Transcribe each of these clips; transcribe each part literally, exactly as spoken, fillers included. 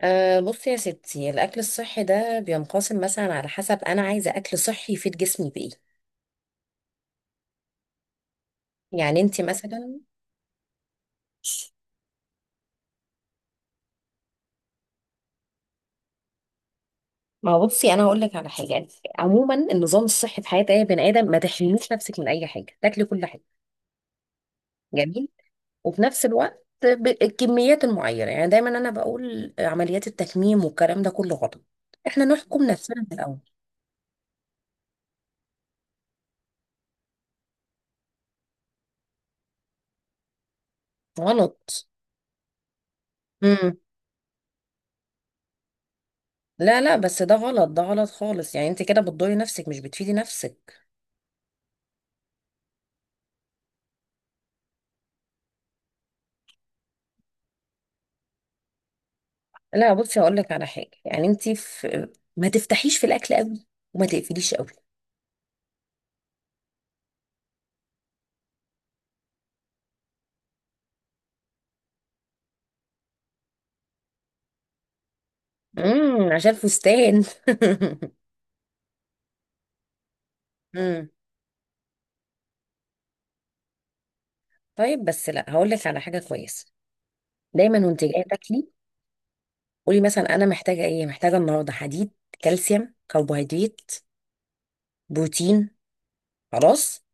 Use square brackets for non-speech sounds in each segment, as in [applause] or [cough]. أه، بصي يا ستي. الأكل الصحي ده بينقسم مثلا على حسب أنا عايزة أكل صحي يفيد جسمي بإيه. يعني أنت مثلا. ما هو بصي، أنا هقول لك على حاجة. يعني عموما النظام الصحي في حياة أي بني آدم، ما تحرميش نفسك من أي حاجة، تاكلي كل حاجة. جميل. وفي نفس الوقت بالكميات المعينة. يعني دايما أنا بقول عمليات التكميم والكلام ده كله غلط، إحنا نحكم نفسنا من الأول. غلط. امم. لا لا، بس ده غلط. ده غلط خالص. يعني أنت كده بتضري نفسك مش بتفيدي نفسك. لا بصي، هقول لك على حاجه. يعني انت في، ما تفتحيش في الاكل قوي وما تقفليش قوي. امم عشان الفستان [laughs] امم. طيب، بس لا هقول لك على حاجه كويسه. دايما وانت جايه تاكلي، قولي مثلا: انا محتاجه ايه؟ محتاجه النهارده حديد، كالسيوم، كربوهيدرات، بروتين. خلاص.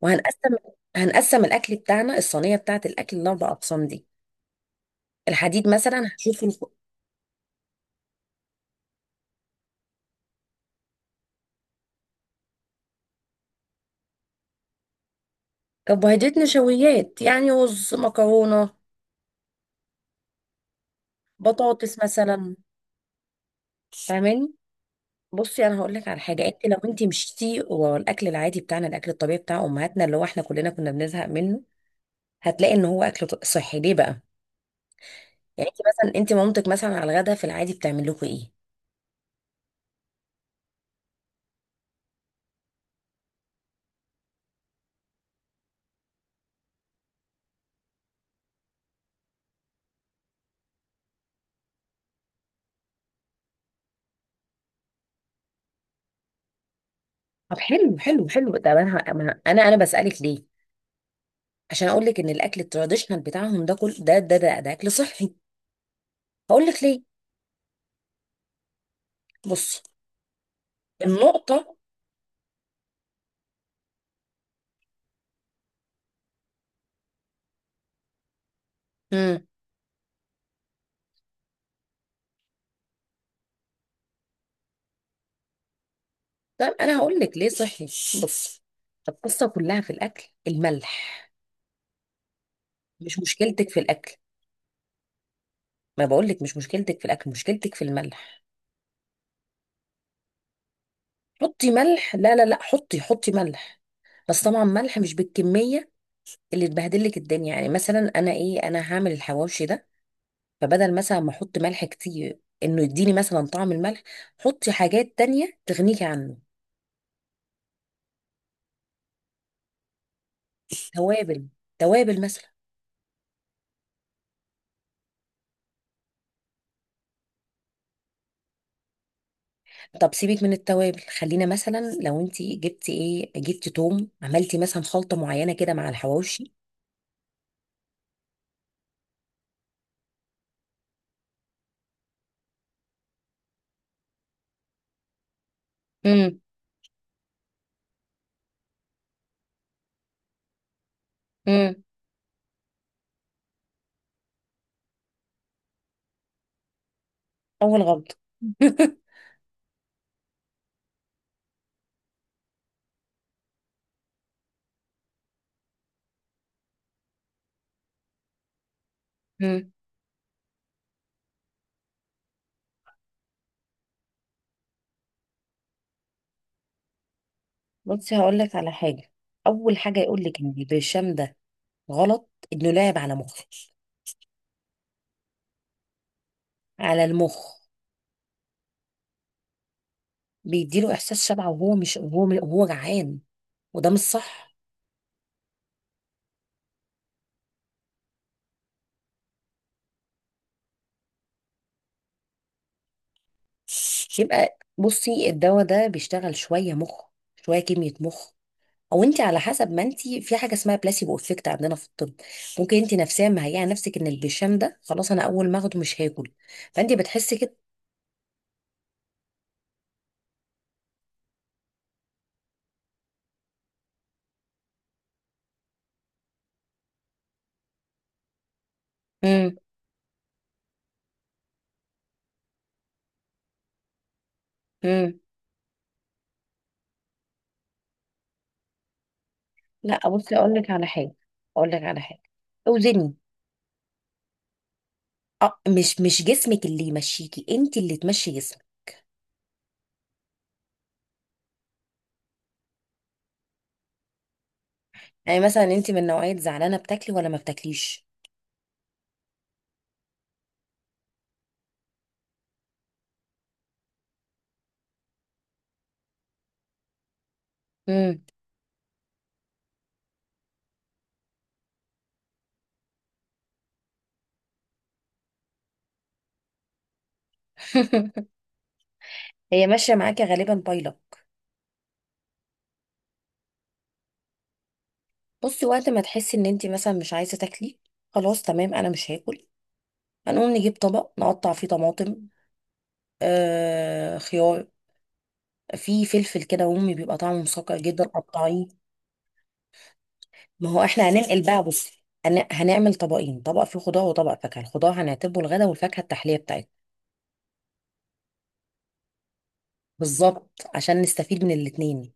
وهنقسم هنقسم الاكل بتاعنا، الصينيه بتاعه الاكل، لاربع اقسام دي. الحديد مثلا هشوف الف- كربوهيدرات نشويات، يعني رز، مكرونه، بطاطس مثلا. فاهماني؟ بصي، انا هقول لك على حاجه. انت لو انت مشيتي ورا الاكل العادي بتاعنا، الاكل الطبيعي بتاع امهاتنا اللي هو احنا كلنا كنا بنزهق منه، هتلاقي ان هو اكل ط- صحي. ليه بقى؟ يعني انت مثلا انت مامتك مثلا على الغدا في العادي بتعمل لكم ايه؟ طب حلو حلو حلو. ده انا ه- أنا, انا انا بسالك ليه. عشان اقول لك ان الاكل التراديشنال بتاعهم ده، كل ده ده ده, ده اكل صحي. هقول لك ليه. بصي، النقطه. امم. طب انا هقول لك ليه صحي. بصي، القصه كلها في الاكل، الملح. مش مشكلتك في الاكل. ما بقولك، مش مشكلتك في الاكل، مشكلتك في الملح. حطي ملح. لا لا لا، حطي حطي ملح. بس طبعا ملح مش بالكميه اللي تبهدلك الدنيا. يعني مثلا انا ايه انا هعمل الحواوشي ده، فبدل مثلا ما احط ملح كتير، انه يديني مثلا طعم الملح، حطي حاجات تانية تغنيكي عنه. توابل. توابل مثلا. طب سيبك من التوابل، خلينا مثلا لو انت جبتي ايه جبتي توم، عملتي مثلا خلطة معينة كده مع الحواوشي. امم. امم. اول غلطة [laughs] بصي هقول لك على حاجه. اول حاجه يقول لك ان البرشام ده غلط، انه لاعب على مخه. على المخ. بيديله احساس شبع وهو مش، وهو وهو جعان. وده مش صح. يبقى بصي الدواء ده بيشتغل شويه مخ، شويه كميه مخ. او انت على حسب، ما انت في حاجه اسمها بلاسيبو افكت عندنا في الطب. ممكن انت نفسيا مهيئه نفسك ان البرشام ده خلاص، انا اول ما اخده مش هاكل، فانت بتحسي كده. امم. امم. لا بصي، اقول لك على حاجه اقول لك على حاجه. اوزني. اه، مش مش جسمك اللي يمشيكي، انت اللي تمشي جسمك. يعني مثلا انت من نوعية زعلانة بتاكلي ولا ما بتاكليش؟ امم [laughs] هي ماشية معاكي غالبا بايلة. بصي، وقت ما تحسي ان انت مثلا مش عايزة تاكلي، خلاص تمام انا مش هاكل. هنقوم نجيب طبق نقطع فيه طماطم، آه خيار، في فلفل كده امي بيبقى طعمه مسكر جدا، قطعيه. ما هو احنا هننقل بقى. بصي، هن- هنعمل طبقين، طبق فيه خضار وطبق فاكهة. الخضار هنعتبه الغدا والفاكهة التحلية بتاعتنا. بالظبط، عشان نستفيد من الاتنين.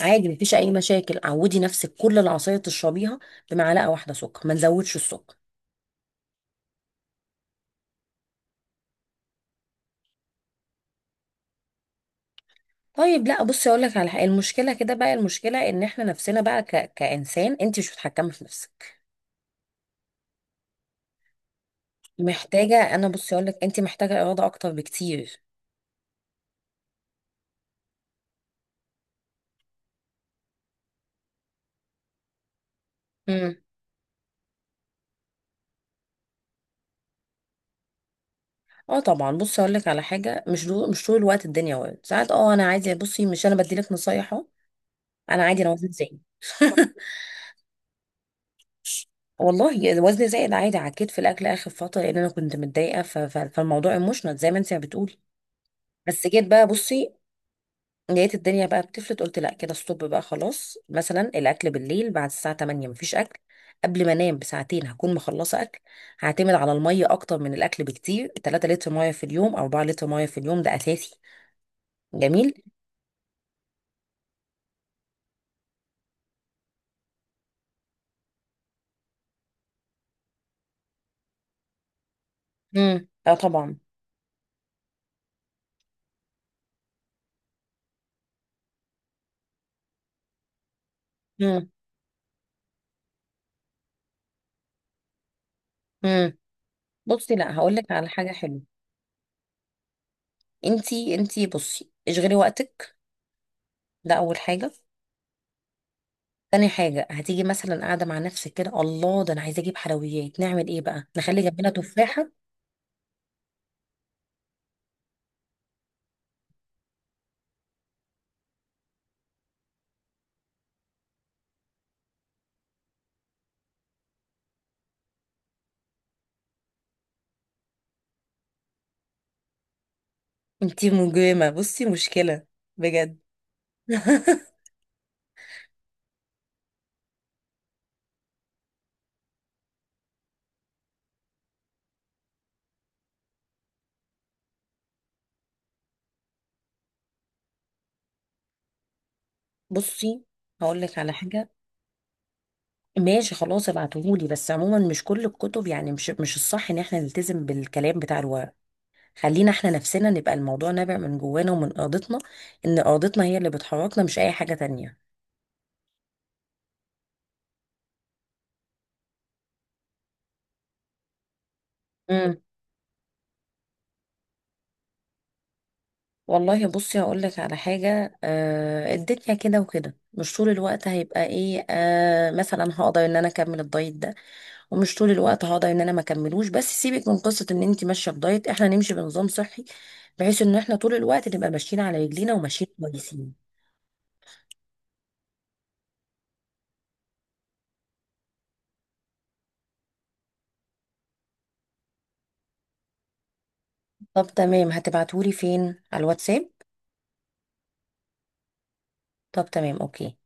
عادي، مفيش اي مشاكل. عودي نفسك كل العصاير تشربيها بمعلقه واحده سكر، ما نزودش السكر. طيب لا، بصي اقول لك على حاجه. المشكله كده بقى، المشكله ان احنا نفسنا بقى، ك... كانسان انت مش متحكمه في نفسك. محتاجه انا بصي اقول لك، انت محتاجه اراده اكتر بكتير. امم. اه طبعا. بصي اقول لك على حاجه. مش دو... مش طول الوقت الدنيا ورد. ساعات اه، انا عادي. بصي مش، انا بديلك نصايح اهو. انا عادي انا وزني زين [laughs] والله وزني زايد عادي، عكيت في الاكل اخر فتره لان انا كنت متضايقه، ف... ف... فالموضوع ايموشنال زي ما انت بتقولي. بس جيت بقى بصي، لقيت الدنيا بقى بتفلت، قلت لا كده، ستوب بقى خلاص. مثلا الاكل بالليل بعد الساعه ثمانية مفيش اكل. قبل ما انام بساعتين هكون مخلصه اكل. هعتمد على الميه اكتر من الاكل بكتير، ثلاثة لتر ميه في اليوم او اربعة لتر ميه في اليوم، ده اساسي. جميل. امم. اه طبعا. امم امم بصي لا هقول لك على حاجه حلوه. انتي انتي بصي اشغلي وقتك، ده اول حاجه. تاني حاجة هتيجي مثلا قاعدة مع نفسك كده، الله، ده أنا عايزة أجيب حلويات، نعمل إيه بقى؟ نخلي جنبنا تفاحة. انتي مجرمة بصي، مشكلة بجد [laughs] بصي هقول لك على حاجة. ماشي خلاص ابعتهولي. بس عموما مش كل الكتب، يعني مش مش الصح ان احنا نلتزم بالكلام بتاع الورق. خلينا احنا نفسنا نبقى الموضوع نابع من جوانا ومن ارادتنا. ان ارادتنا هي اللي بتحركنا، مش اي حاجة تانية. امم والله بصي هقول لك على حاجة، آه الدنيا كده وكده مش طول الوقت هيبقى ايه، آه مثلا هقدر ان انا اكمل الدايت ده، ومش طول الوقت هقدر ان انا ما اكملوش. بس سيبك من قصه ان انت ماشيه بدايت، احنا نمشي بنظام صحي، بحيث ان احنا طول الوقت نبقى ماشيين على رجلينا وماشيين كويسين. طب تمام، هتبعتهولي فين، على الواتساب؟ طب تمام، اوكي.